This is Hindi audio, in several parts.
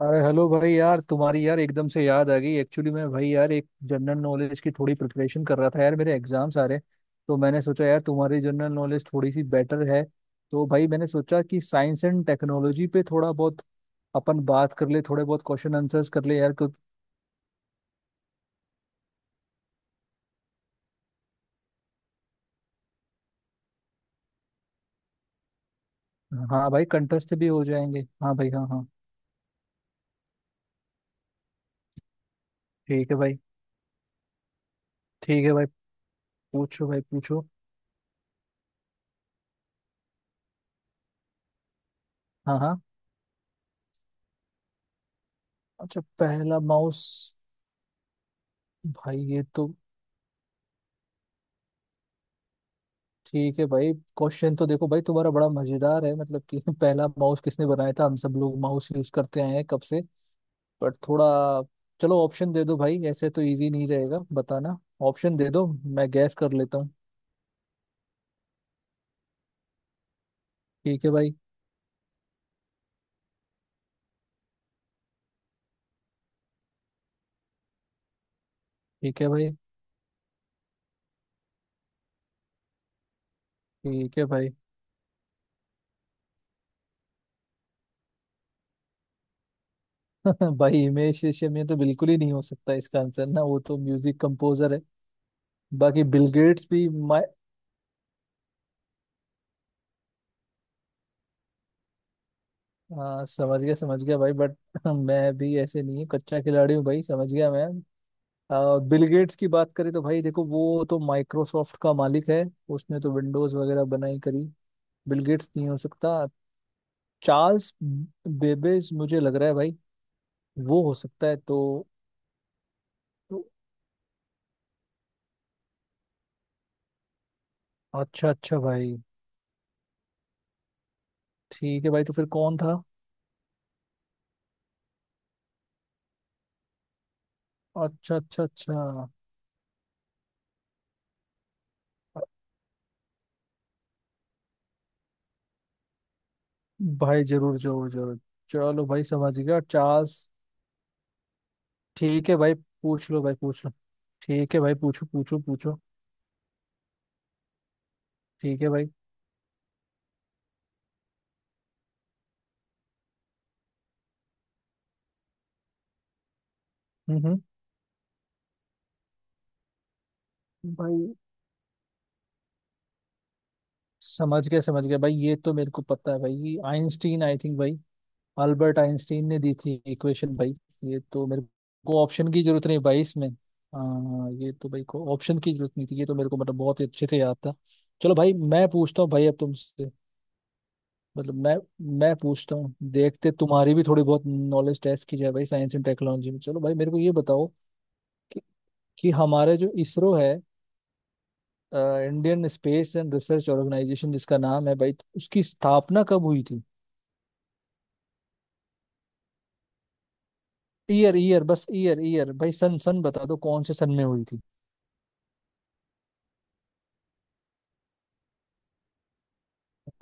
अरे हेलो भाई यार, तुम्हारी यार एकदम से याद आ गई। एक्चुअली मैं, भाई यार, एक जनरल नॉलेज की थोड़ी प्रिपरेशन कर रहा था यार, मेरे एग्जाम्स आ रहे हैं। तो मैंने सोचा यार तुम्हारी जनरल नॉलेज थोड़ी सी बेटर है, तो भाई मैंने सोचा कि साइंस एंड टेक्नोलॉजी पे थोड़ा बहुत अपन बात कर ले, थोड़े बहुत क्वेश्चन आंसर्स कर ले यार, क्यों? हाँ भाई, कंटेस्ट भी हो जाएंगे। हाँ भाई, हाँ हाँ। ठीक है भाई। ठीक है भाई, पूछो भाई पूछो। हाँ हाँ। अच्छा, पहला माउस। भाई ये तो, ठीक है भाई, क्वेश्चन तो देखो भाई तुम्हारा बड़ा मजेदार है, मतलब कि पहला माउस किसने बनाया था। हम सब लोग माउस यूज करते आए हैं कब से, बट थोड़ा चलो ऑप्शन दे दो भाई, ऐसे तो इजी नहीं रहेगा बताना। ऑप्शन दे दो, मैं गैस कर लेता हूँ। ठीक है भाई। ठीक है भाई। ठीक है भाई। भाई हिमेश रेशमिया, ये तो बिल्कुल ही नहीं हो सकता इसका आंसर ना, वो तो म्यूजिक कंपोजर है। बाकी बिल गेट्स भी मैं, हाँ, समझ गया भाई। बट मैं भी ऐसे नहीं हूँ, कच्चा खिलाड़ी हूँ भाई, समझ गया मैं। बिल गेट्स की बात करें तो भाई देखो, वो तो माइक्रोसॉफ्ट का मालिक है, उसने तो विंडोज वगैरह बनाई करी। बिल गेट्स नहीं हो सकता। चार्ल्स बेबेज मुझे लग रहा है भाई, वो हो सकता है तो अच्छा अच्छा भाई। ठीक है भाई, तो फिर कौन था? अच्छा अच्छा अच्छा। भाई जरूर जरूर जरूर। चलो भाई समझ गया, चार्ल्स। ठीक है भाई, पूछ लो भाई पूछ लो। ठीक है भाई, पूछो पूछो पूछो। ठीक है भाई। हम्म हम्म। भाई समझ गया भाई, ये तो मेरे को पता है भाई, आइंस्टीन आई थिंक भाई। अल्बर्ट आइंस्टीन ने दी थी इक्वेशन भाई। ये तो मेरे को ऑप्शन की जरूरत नहीं भाई इसमें। हाँ, ये तो भाई को ऑप्शन की जरूरत नहीं थी, ये तो मेरे को मतलब बहुत ही अच्छे से याद था। चलो भाई मैं पूछता हूँ भाई अब तुमसे, मतलब मैं, पूछता हूँ देखते, तुम्हारी भी थोड़ी बहुत नॉलेज टेस्ट की जाए भाई साइंस एंड टेक्नोलॉजी में। चलो भाई मेरे को ये बताओ कि, कि हमारा जो इसरो है, Indian space and research organisation जिसका नाम है भाई, तो उसकी स्थापना कब हुई थी? ईयर ईयर बस, ईयर ईयर भाई, सन सन बता दो, कौन से सन में हुई थी?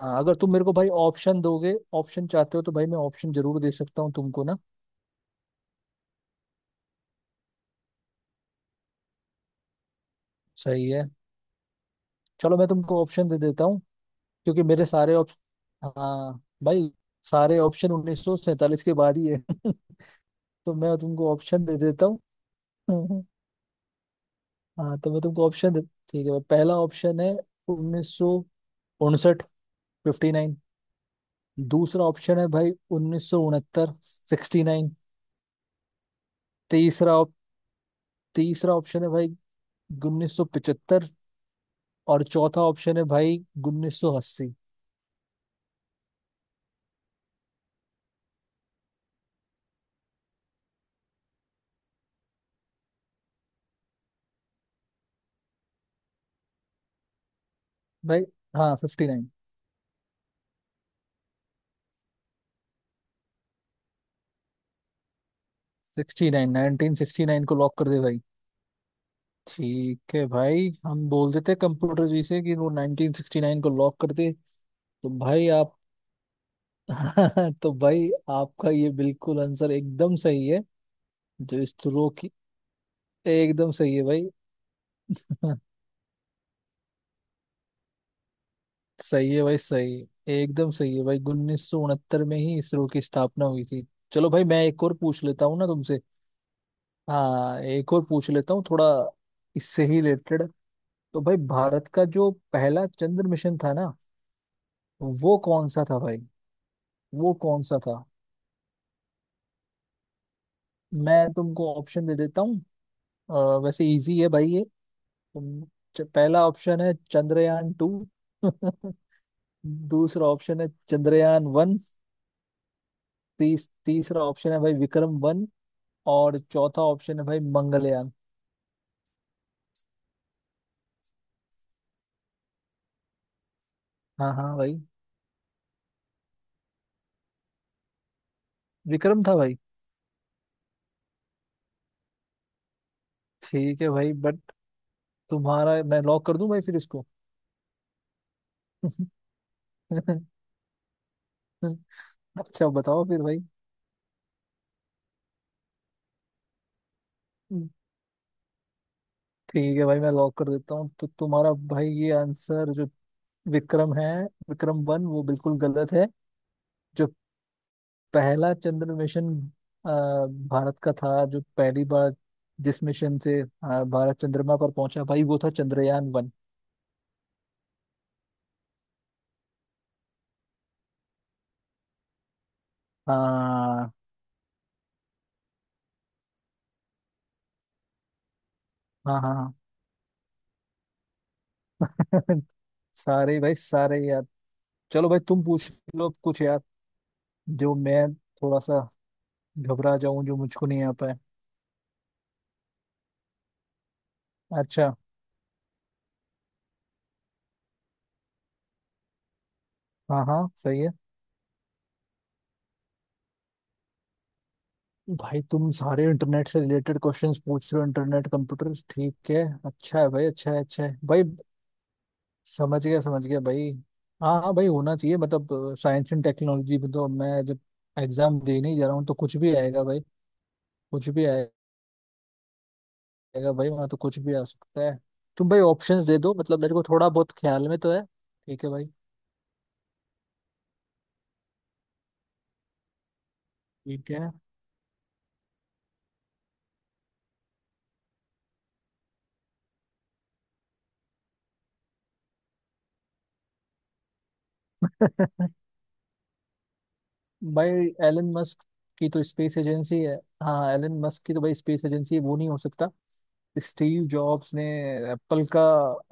हाँ, अगर तुम मेरे को भाई ऑप्शन दोगे, ऑप्शन चाहते हो तो भाई मैं ऑप्शन जरूर दे सकता हूँ तुमको ना। सही है। चलो मैं तुमको ऑप्शन दे देता हूँ, क्योंकि मेरे सारे ऑप्शन, हाँ भाई, सारे ऑप्शन उन्नीस सौ सैंतालीस के बाद ही है। तो मैं तुमको ऑप्शन दे देता हूँ। हाँ, तो मैं तुमको ऑप्शन दे, ठीक है भाई, पहला ऑप्शन है उन्नीस सौ उनसठ, फिफ्टी नाइन। दूसरा ऑप्शन है भाई उन्नीस सौ उनहत्तर, सिक्सटी नाइन। तीसरा तीसरा ऑप्शन है भाई 1975। और चौथा ऑप्शन है भाई 1980। भाई, हाँ 59, 69, 1969 को लॉक कर दे भाई। ठीक है भाई, हम बोल देते हैं कंप्यूटर जी से कि वो 1969 को लॉक कर दे। तो भाई आप, तो भाई आपका ये बिल्कुल आंसर एकदम सही है, जो इसरो की, एकदम सही है भाई। सही है भाई, सही है, एकदम सही है भाई, उन्नीस सौ उनहत्तर में ही इसरो की स्थापना हुई थी। चलो भाई मैं एक और पूछ लेता हूँ ना तुमसे। हाँ, एक और पूछ लेता हूँ थोड़ा, इससे ही रिलेटेड। तो भाई भारत का जो पहला चंद्र मिशन था ना, वो कौन सा था भाई, वो कौन सा था? मैं तुमको ऑप्शन दे देता हूँ। अ, वैसे इजी है भाई ये, तुम पहला ऑप्शन है चंद्रयान टू। दूसरा ऑप्शन है चंद्रयान वन। तीसरा ऑप्शन है भाई विक्रम वन। और चौथा ऑप्शन है भाई मंगलयान। हाँ हाँ भाई, विक्रम था भाई। ठीक है भाई, बट तुम्हारा मैं लॉक कर दूं भाई फिर इसको। अच्छा, बताओ फिर भाई। ठीक है भाई, मैं लॉक कर देता हूँ तो तुम्हारा भाई ये आंसर जो विक्रम है, विक्रम वन, वो बिल्कुल गलत है। जो पहला चंद्र मिशन, अ, भारत का था, जो पहली बार जिस मिशन से भारत चंद्रमा पर पहुंचा भाई, वो था चंद्रयान वन। हाँ हाँ हाँ हाँ। सारे भाई, सारे यार। चलो भाई, तुम पूछ लो अब कुछ यार, जो मैं थोड़ा सा घबरा जाऊं, जो मुझको नहीं आता है। अच्छा, हाँ हाँ सही है भाई, तुम सारे इंटरनेट से रिलेटेड क्वेश्चंस पूछ रहे हो, इंटरनेट कंप्यूटर। ठीक है, अच्छा है भाई, अच्छा है, अच्छा है भाई। समझ गया भाई। हाँ हाँ भाई, होना चाहिए मतलब साइंस एंड टेक्नोलॉजी में, तो मैं जब एग्जाम देने ही जा रहा हूँ तो कुछ भी आएगा भाई, कुछ भी आएगा भाई, वहाँ तो कुछ भी आ सकता है। तुम भाई ऑप्शंस दे दो, मतलब मेरे को थोड़ा बहुत ख्याल में तो है। ठीक है भाई। ठीक है। भाई एलन मस्क की तो स्पेस एजेंसी है। हाँ हाँ, एलन मस्क की तो भाई स्पेस एजेंसी है, वो नहीं हो सकता। स्टीव जॉब्स ने एप्पल का,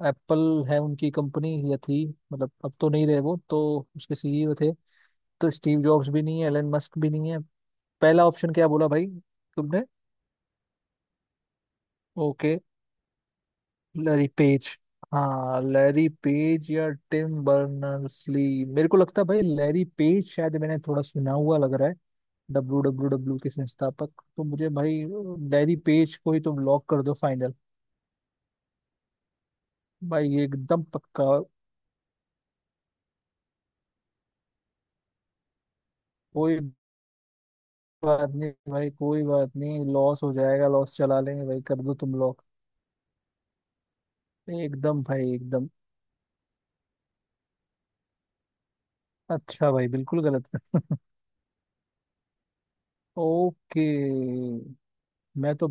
एप्पल है उनकी कंपनी, या थी, मतलब अब तो नहीं रहे वो तो, उसके सीईओ थे। तो स्टीव जॉब्स भी नहीं है, एलन मस्क भी नहीं है। पहला ऑप्शन क्या बोला भाई तुमने? Okay, Larry Page. हाँ, लैरी पेज या टिम बर्नर्स ली, मेरे को लगता है भाई लैरी पेज शायद, मैंने थोड़ा सुना हुआ लग रहा है। डब्ल्यू डब्ल्यू डब्ल्यू के संस्थापक तो मुझे भाई, लैरी पेज को ही तुम लॉक कर दो फाइनल भाई, ये एकदम पक्का। कोई बात नहीं भाई, कोई बात नहीं, लॉस हो जाएगा, लॉस चला लेंगे भाई, कर दो तुम लॉक। एकदम भाई एकदम। अच्छा भाई, बिल्कुल गलत। ओके, मैं तो,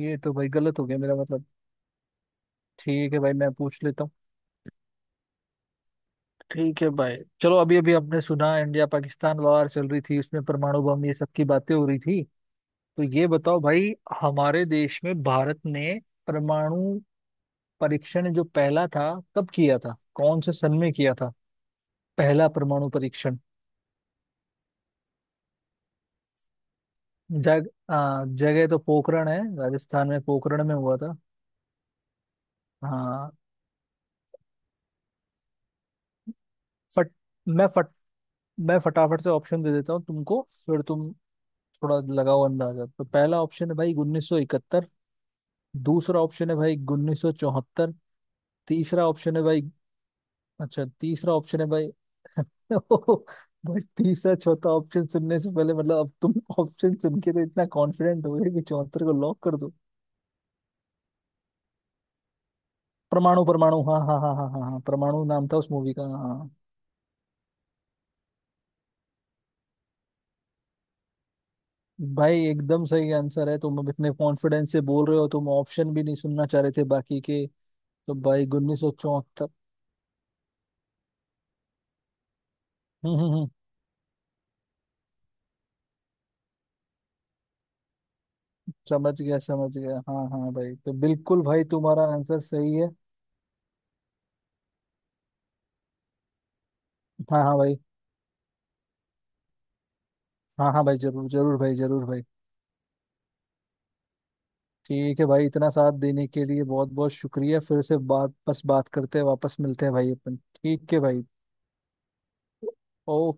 ये तो भाई गलत हो गया मेरा मतलब। ठीक है भाई, मैं पूछ लेता हूँ। ठीक है भाई, चलो अभी अभी हमने सुना इंडिया पाकिस्तान वार चल रही थी, उसमें परमाणु बम ये सब की बातें हो रही थी। तो ये बताओ भाई, हमारे देश में भारत ने परमाणु परीक्षण जो पहला था, कब किया था, कौन से सन में किया था पहला परमाणु परीक्षण? जग जगह तो पोखरण है, राजस्थान में पोखरण में हुआ था। हाँ, फट मैं फट मैं फटाफट से ऑप्शन दे देता हूँ तुमको, फिर तुम थोड़ा लगाओ अंदाजा। तो पहला ऑप्शन है भाई 1971। दूसरा ऑप्शन है भाई 1974। तीसरा ऑप्शन है भाई अच्छा तीसरा ऑप्शन है भाई। भाई तीसरा चौथा ऑप्शन सुनने से पहले, मतलब अब तुम ऑप्शन सुन के तो इतना कॉन्फिडेंट हो गए कि चौहत्तर को लॉक कर दो। परमाणु परमाणु, हाँ हाँ हाँ हाँ हाँ हाँ, परमाणु नाम था उस मूवी का, हाँ हाँ। भाई एकदम सही आंसर है, तुम अब इतने कॉन्फिडेंस से बोल रहे हो, तुम ऑप्शन भी नहीं सुनना चाह रहे थे बाकी के। तो भाई उन्नीस सौ चौहत्तर। हम्म हम्म हम्म, समझ गया समझ गया, हाँ हाँ भाई, तो बिल्कुल भाई तुम्हारा आंसर सही है। हाँ हाँ भाई। हाँ हाँ भाई, जरूर जरूर भाई जरूर भाई। ठीक है भाई, इतना साथ देने के लिए बहुत बहुत शुक्रिया। फिर से बात करते हैं, वापस मिलते हैं भाई अपन। ठीक है भाई। ओ